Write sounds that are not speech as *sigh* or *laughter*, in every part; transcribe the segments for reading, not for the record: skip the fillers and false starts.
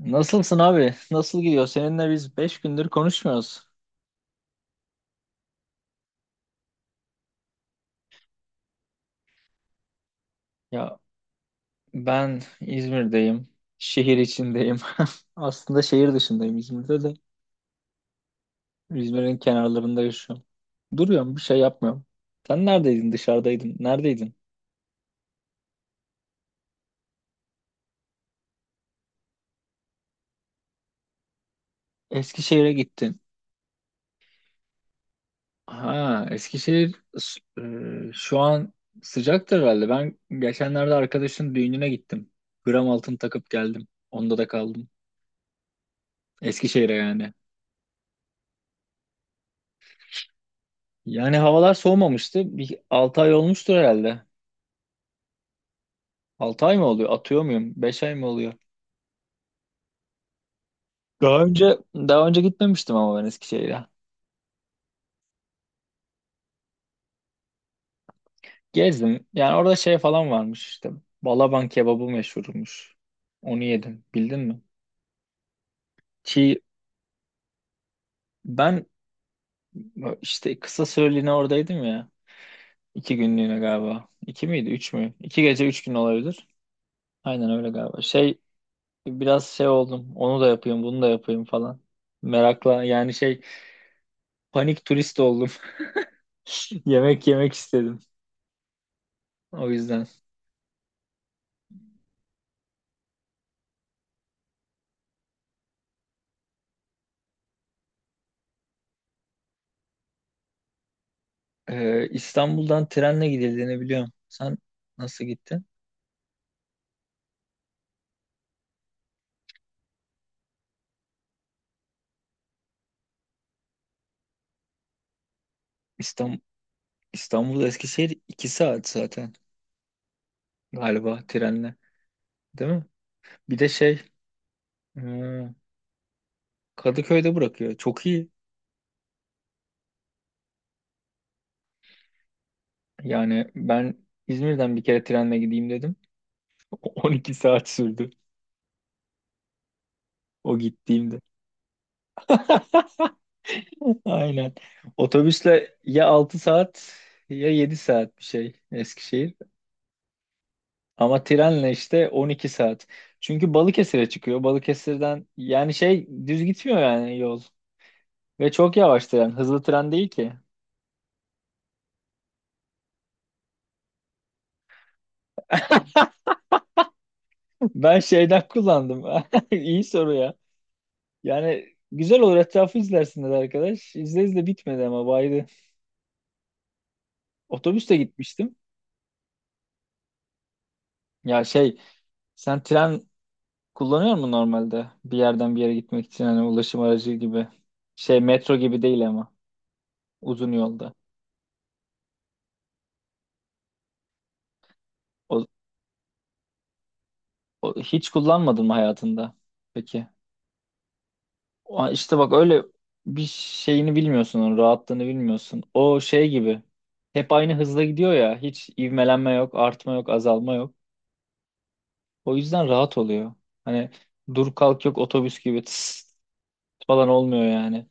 Nasılsın abi? Nasıl gidiyor? Seninle biz 5 gündür konuşmuyoruz. Ya, ben İzmir'deyim. Şehir içindeyim. *laughs* Aslında şehir dışındayım İzmir'de de. İzmir'in kenarlarında yaşıyorum. Duruyorum, bir şey yapmıyorum. Sen neredeydin? Dışarıdaydın. Neredeydin? Eskişehir'e gittin. Ha, şu an sıcaktır herhalde. Ben geçenlerde arkadaşın düğününe gittim. Gram altın takıp geldim. Onda da kaldım. Eskişehir'e yani. Yani havalar soğumamıştı. Bir 6 ay olmuştur herhalde. 6 ay mı oluyor? Atıyor muyum? 5 ay mı oluyor? Daha önce gitmemiştim ama ben Eskişehir'e. Gezdim. Yani orada şey falan varmış işte. Balaban kebabı meşhurmuş. Onu yedim. Bildin mi? Çiğ ben işte kısa süreliğine oradaydım ya. İki günlüğüne galiba. İki miydi? Üç mü? İki gece üç gün olabilir. Aynen öyle galiba. Şey, biraz şey oldum. Onu da yapayım, bunu da yapayım falan. Merakla yani şey, panik turist oldum. *laughs* *laughs* Yemek yemek istedim. O yüzden. İstanbul'dan trenle gidildiğini biliyorum. Sen nasıl gittin? İstanbul, İstanbul Eskişehir 2 saat zaten galiba trenle. Değil mi? Bir de şey, e, Kadıköy'de bırakıyor. Çok iyi. Yani ben İzmir'den bir kere trenle gideyim dedim. *laughs* 12 saat sürdü o gittiğimde. *laughs* Aynen. Otobüsle ya 6 saat ya 7 saat bir şey Eskişehir. Ama trenle işte 12 saat. Çünkü Balıkesir'e çıkıyor. Balıkesir'den yani şey düz gitmiyor yani yol. Ve çok yavaş tren. Hızlı tren değil ki. Ben şeyden kullandım. *laughs* İyi soru ya. Yani güzel olur etrafı izlersiniz arkadaş. İzle izle bitmedi ama baydı. Otobüste gitmiştim. Ya şey, sen tren kullanıyor musun normalde? Bir yerden bir yere gitmek için hani ulaşım aracı gibi. Şey metro gibi değil ama uzun yolda. O, Hiç kullanmadın mı hayatında? Peki. Aa, İşte bak öyle bir şeyini bilmiyorsun, onun rahatlığını bilmiyorsun. O şey gibi hep aynı hızla gidiyor ya. Hiç ivmelenme yok, artma yok, azalma yok. O yüzden rahat oluyor. Hani dur kalk yok, otobüs gibi tıs falan olmuyor yani.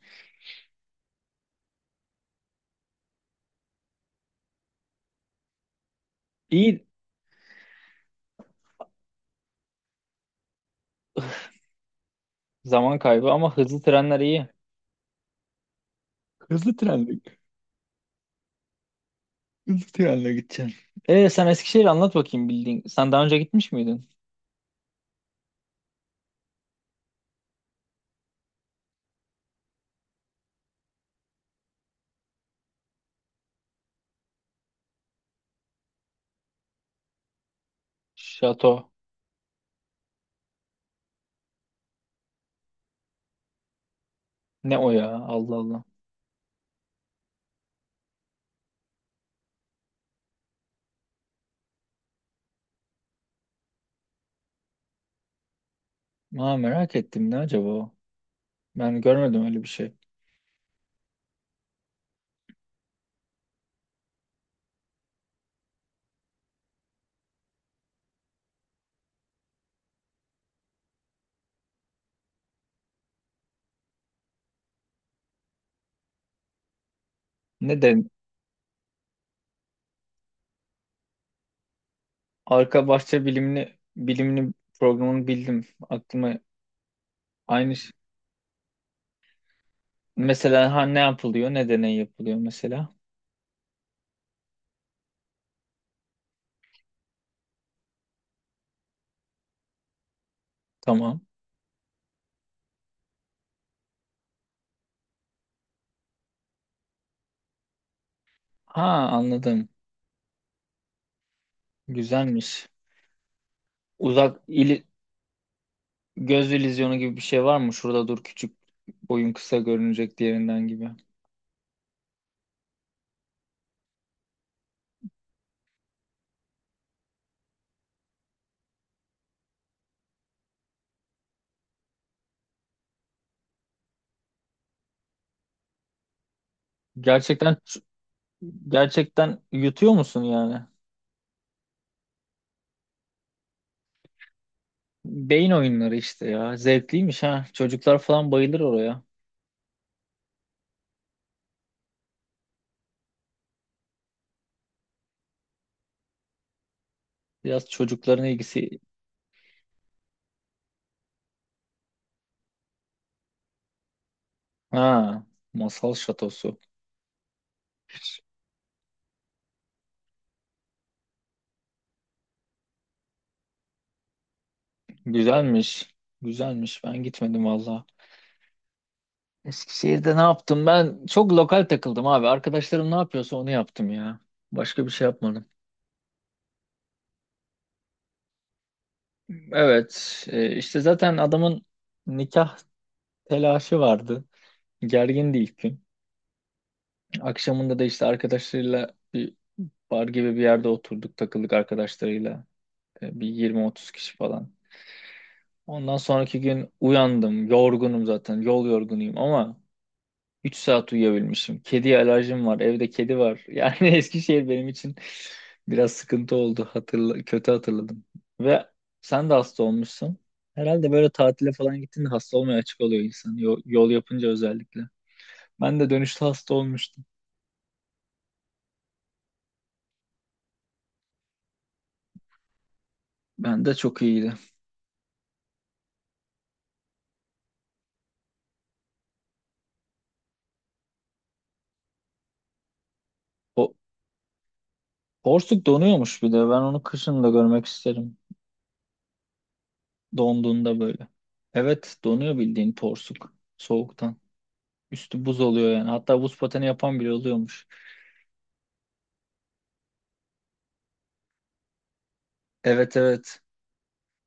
İyi, zaman kaybı ama hızlı trenler iyi. Hızlı trenle, hızlı trenle gideceksin. Sen Eskişehir anlat bakayım bildiğin. Sen daha önce gitmiş miydin? Şato. Ne o ya? Allah Allah. Aa, merak ettim ne acaba o? Ben görmedim öyle bir şey. Ne de arka bahçe bilimini programını bildim. Aklıma aynı mesela ha ne yapılıyor, ne deney yapılıyor mesela. Tamam. Ha, anladım. Güzelmiş. Uzak ili, göz illüzyonu gibi bir şey var mı? Şurada dur, küçük boyun kısa görünecek diğerinden gibi. Gerçekten gerçekten yutuyor musun yani? Beyin oyunları işte ya. Zevkliymiş ha. Çocuklar falan bayılır oraya. Biraz çocukların ilgisi. Ha, masal şatosu. Güzelmiş. Güzelmiş. Ben gitmedim valla. Eskişehir'de ne yaptım? Ben çok lokal takıldım abi. Arkadaşlarım ne yapıyorsa onu yaptım ya. Başka bir şey yapmadım. Evet. İşte zaten adamın nikah telaşı vardı. Gergindi ilk gün. Akşamında da işte arkadaşlarıyla bir bar gibi bir yerde oturduk. Takıldık arkadaşlarıyla. Bir 20-30 kişi falan. Ondan sonraki gün uyandım. Yorgunum zaten. Yol yorgunuyum ama 3 saat uyuyabilmişim. Kediye alerjim var. Evde kedi var. Yani *laughs* Eskişehir benim için biraz sıkıntı oldu. Hatırla, kötü hatırladım. Ve sen de hasta olmuşsun. Herhalde böyle tatile falan gittiğinde hasta olmaya açık oluyor insan. Yol yapınca özellikle. Ben de dönüşte hasta olmuştum. Ben de çok iyiydi. O, Porsuk donuyormuş bir de. Ben onu kışın da görmek isterim. Donduğunda böyle. Evet donuyor bildiğin porsuk. Soğuktan. Üstü buz oluyor yani. Hatta buz pateni yapan bile oluyormuş. Evet evet.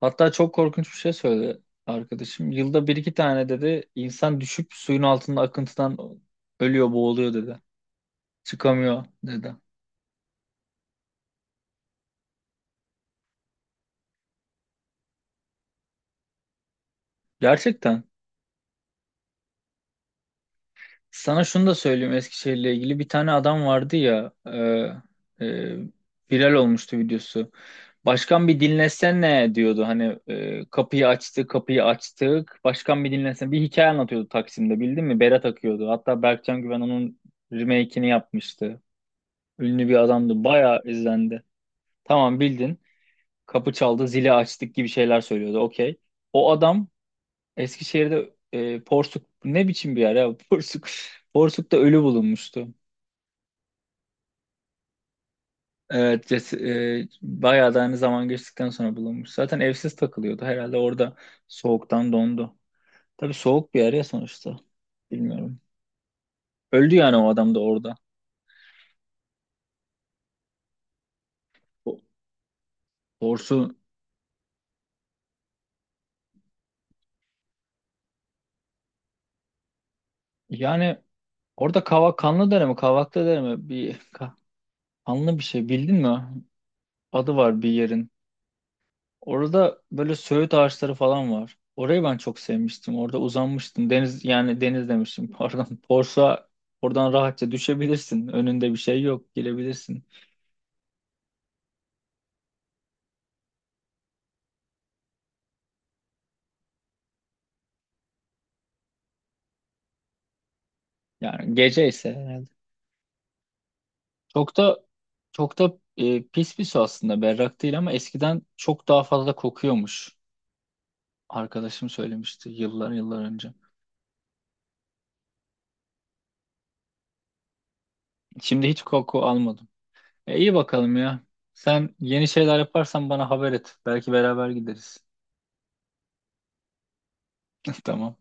Hatta çok korkunç bir şey söyledi arkadaşım. Yılda bir iki tane dedi insan düşüp suyun altında akıntıdan ölüyor, boğuluyor dedi. Çıkamıyor dedi. Gerçekten. Sana şunu da söyleyeyim Eskişehir'le ilgili. Bir tane adam vardı ya, viral olmuştu videosu. Başkan bir dinlesene diyordu. Hani kapıyı açtı, kapıyı açtık. Başkan bir dinlesene. Bir hikaye anlatıyordu Taksim'de, bildin mi? Bere takıyordu. Hatta Berkcan Güven onun remake'ini yapmıştı. Ünlü bir adamdı. Bayağı izlendi. Tamam bildin. Kapı çaldı, zili açtık gibi şeyler söylüyordu. Okey. O adam Eskişehir'de Porsuk ne biçim bir yer ya? *laughs* Porsuk. Porsuk'ta ölü bulunmuştu. Evet, bayağı da hani zaman geçtikten sonra bulunmuş. Zaten evsiz takılıyordu. Herhalde orada soğuktan dondu. Tabii soğuk bir yer ya sonuçta. Bilmiyorum. Öldü yani o adam da orada. O- Doğrusu yani orada kavak kanlı dere mi kavaklı dere mi bir kanlı bir şey bildin mi? Adı var bir yerin. Orada böyle söğüt ağaçları falan var. Orayı ben çok sevmiştim. Orada uzanmıştım. Deniz yani deniz demiştim *laughs* pardon. Borsa oradan rahatça düşebilirsin. Önünde bir şey yok. Girebilirsin. Yani gece ise herhalde. Çok da çok da pis bir su aslında, berrak değil, ama eskiden çok daha fazla kokuyormuş. Arkadaşım söylemişti yıllar önce. Şimdi hiç koku almadım. İyi bakalım ya. Sen yeni şeyler yaparsan bana haber et. Belki beraber gideriz. *laughs* Tamam.